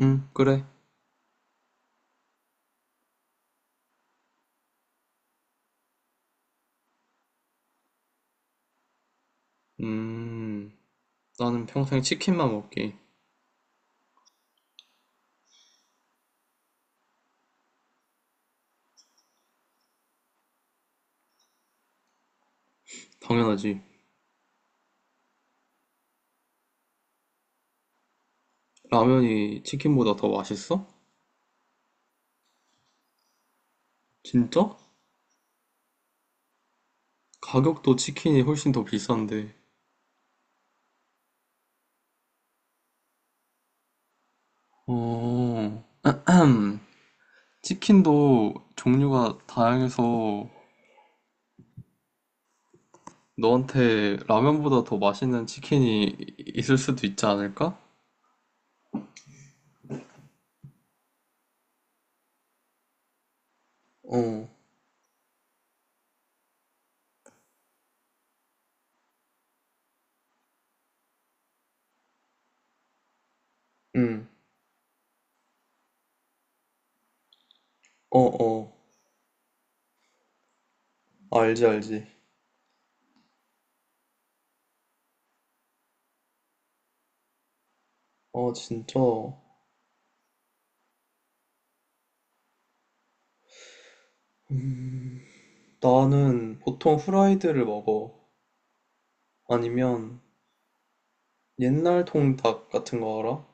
그래. 음, 나는 평생 치킨만 먹기. 당연하지. 라면이 치킨보다 더 맛있어? 진짜? 가격도 치킨이 훨씬 더 비싼데. 어, 치킨도 종류가 다양해서 너한테 라면보다 더 맛있는 치킨이 있을 수도 있지 않을까? 어, 응, 어, 어, 알지, 알지. 어, 진짜. 나는 보통 후라이드를 먹어. 아니면 옛날 통닭 같은 거 알아?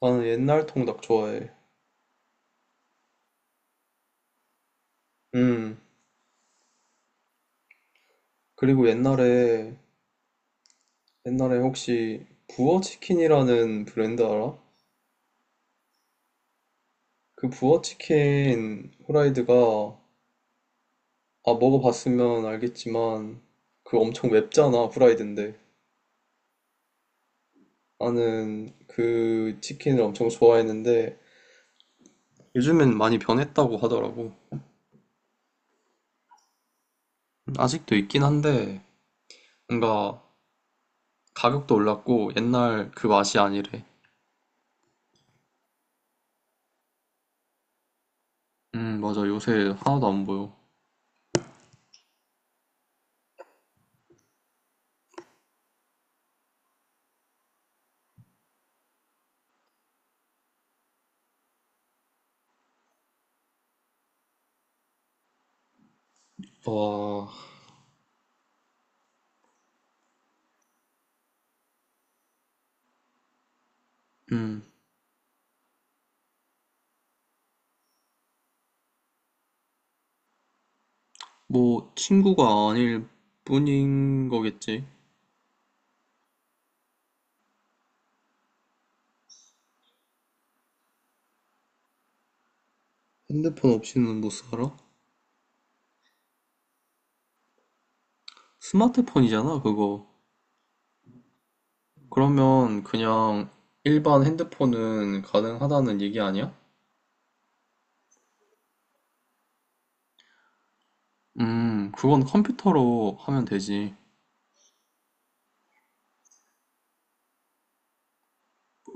나는 옛날 통닭 좋아해. 음. 그리고 옛날에 옛날에 혹시 부어치킨이라는 브랜드 알아? 그 부어치킨 후라이드가 아 먹어봤으면 알겠지만 그 엄청 맵잖아 후라이드인데 나는 그 치킨을 엄청 좋아했는데 요즘엔 많이 변했다고 하더라고. 아직도 있긴 한데 뭔가 가격도 올랐고 옛날 그 맛이 아니래. 맞아 요새 하나도 안 보여. 와, 음, 뭐 친구가 아닐 뿐인 거겠지. 핸드폰 없이는 못 살아? 스마트폰이잖아, 그거. 그러면 그냥 일반 핸드폰은 가능하다는 얘기 아니야? 그건 컴퓨터로 하면 되지.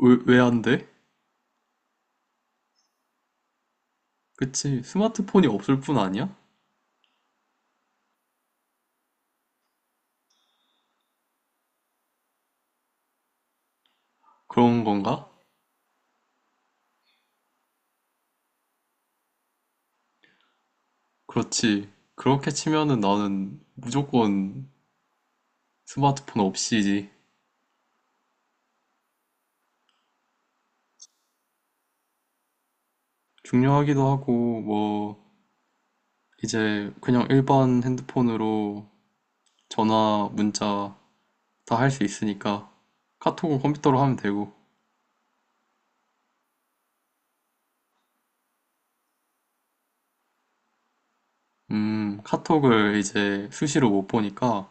왜, 왜 안 돼? 그치, 스마트폰이 없을 뿐 아니야? 그런 건가? 그렇지. 그렇게 치면은 나는 무조건 스마트폰 없이지. 중요하기도 하고, 뭐, 이제 그냥 일반 핸드폰으로 전화, 문자 다 할 수 있으니까 카톡은 컴퓨터로 하면 되고, 카톡을 이제 수시로 못 보니까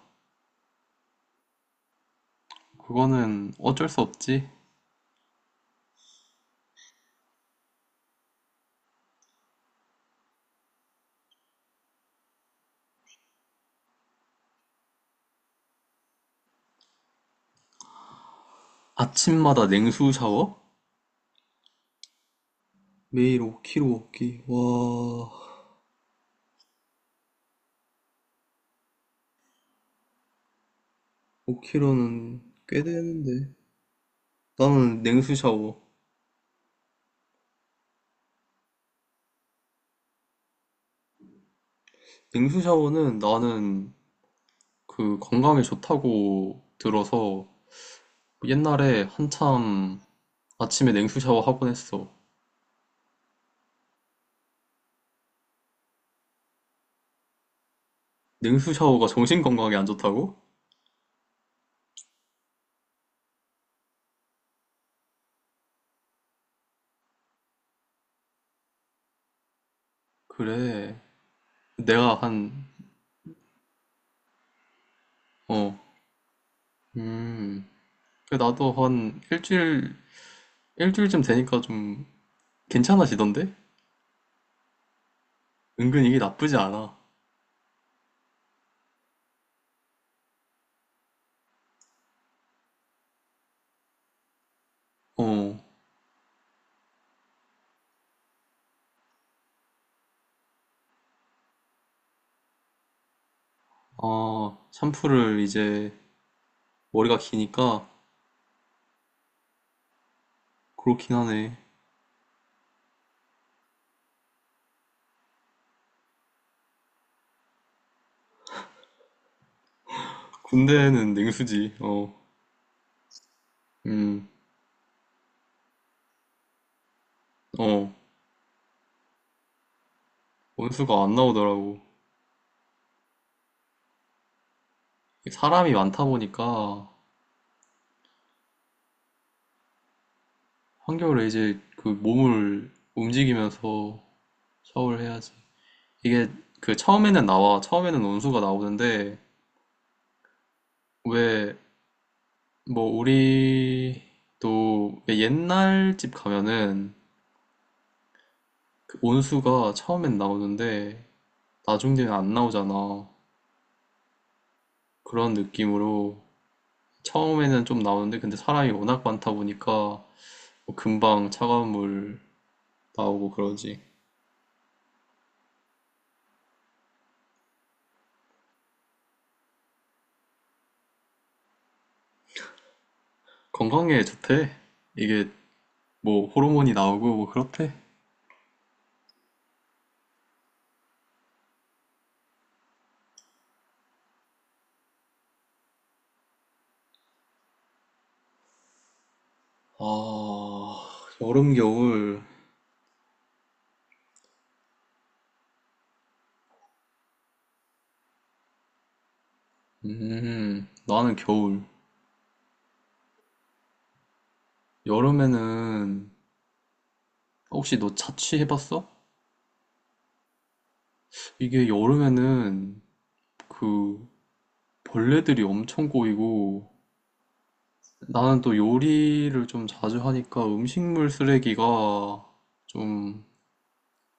그거는 어쩔 수 없지. 아침마다 냉수 샤워? 매일 5kg 먹기. 와, 5kg는 꽤 되는데. 나는 냉수 샤워. 냉수 샤워는 나는 그 건강에 좋다고 들어서 옛날에 한참 아침에 냉수 샤워 하곤 했어. 냉수 샤워가 정신 건강에 안 좋다고? 그래. 내가 한, 어, 음. 그래, 나도 한 일주일, 일주일쯤 되니까 좀 괜찮아지던데? 은근 이게 나쁘지 않아. 어, 아, 샴푸를 이제 머리가 기니까 그렇긴 하네. 군대는 냉수지, 어, 음, 어, 온수가 안 나오더라고. 사람이 많다 보니까 한겨울에 이제 그 몸을 움직이면서 샤워를 해야지. 이게 그 처음에는 나와. 처음에는 원수가 나오는데 왜 뭐 우리도 왜 옛날 집 가면은 그 원수가 처음엔 나오는데 나중 되면 안 나오잖아. 그런 느낌으로 처음에는 좀 나오는데 근데 사람이 워낙 많다 보니까 뭐 금방 차가운 물 나오고 그러지. 건강에 좋대. 이게 뭐 호르몬이 나오고 뭐 그렇대. 아, 여름, 겨울 나는 겨울. 여름에는, 혹시 너 자취해봤어? 이게 여름에는 그 벌레들이 엄청 꼬이고, 나는 또 요리를 좀 자주 하니까 음식물 쓰레기가 좀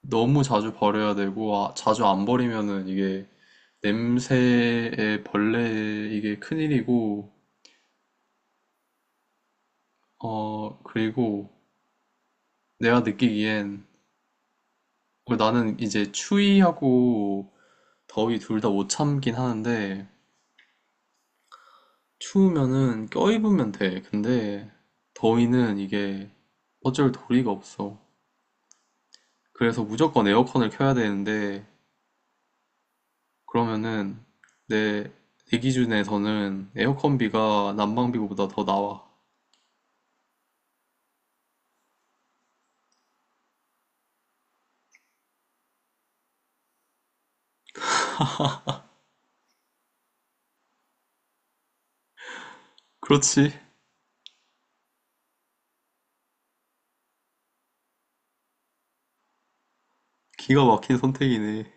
너무 자주 버려야 되고, 아, 자주 안 버리면은 이게 냄새에 벌레에 이게 큰일이고, 어, 그리고 내가 느끼기엔, 어, 나는 이제 추위하고 더위 둘 다 못 참긴 하는데, 추우면은 껴입으면 돼. 근데, 더위는 이게 어쩔 도리가 없어. 그래서 무조건 에어컨을 켜야 되는데, 그러면은, 내, 내 기준에서는 에어컨비가 난방비보다 더 나와. 그렇지. 기가 막힌 선택이네.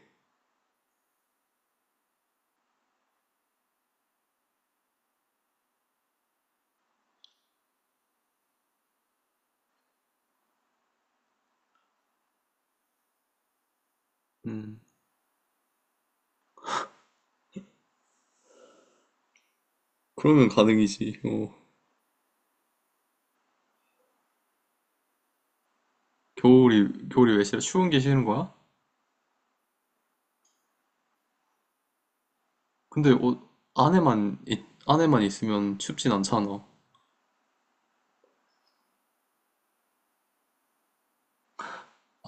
음, 그러면 가능이지. 어. 겨울이, 겨울이 왜 싫어? 추운 게 싫은 거야? 근데 옷 안에만, 있- 안에만 있으면 춥진 않잖아.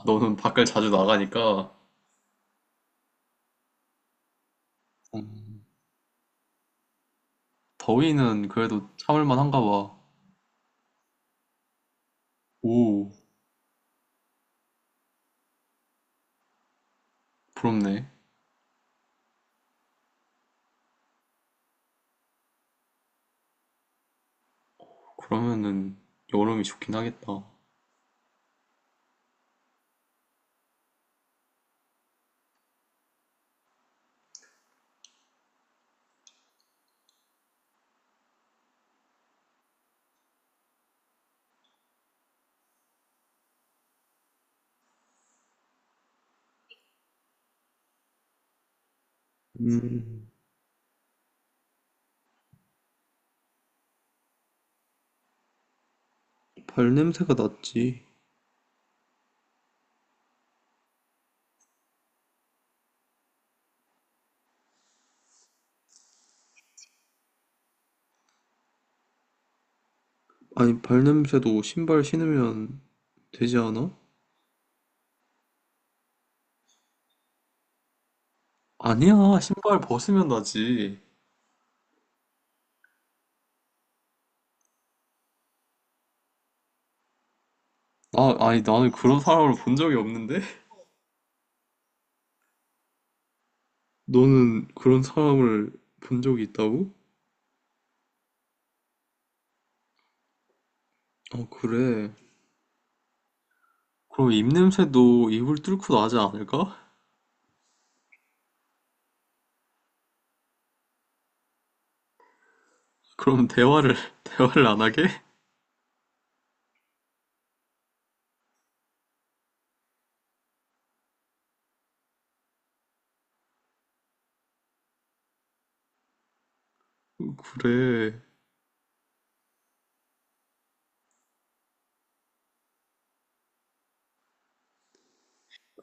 너는 밖을 자주 나가니까 음, 더위는 그래도 참을 만한가 봐. 오, 부럽네. 그러면은 여름이 좋긴 하겠다. 음, 발 냄새가 났지. 아니, 발 냄새도 신발 신으면 되지 않아? 아니야, 신발 벗으면 나지. 나, 아니, 나는 그런 사람을 본 적이 없는데? 너는 그런 사람을 본 적이 있다고? 어, 그래. 그럼 입냄새도 입을 뚫고 나지 않을까? 그럼 대화를, 대화를 안 하게? 그래.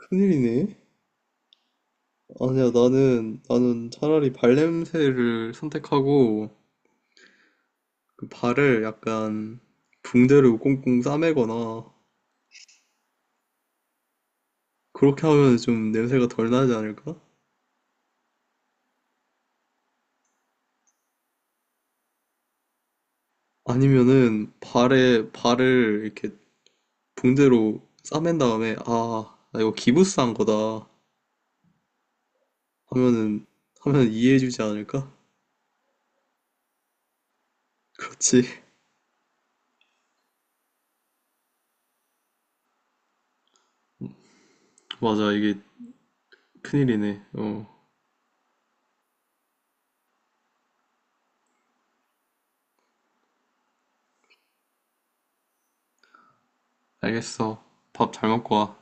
큰일이네. 아니야, 나는, 나는 차라리 발냄새를 선택하고, 그 발을 약간 붕대로 꽁꽁 싸매거나, 그렇게 하면 좀 냄새가 덜 나지 않을까? 아니면은, 발에, 발을 이렇게 붕대로 싸맨 다음에, 아, 나 이거 기부스한 거다. 하면은, 하면 이해해주지 않을까? 그렇지. 맞아, 이게 큰일이네. 어, 알겠어. 밥 잘 먹고 와.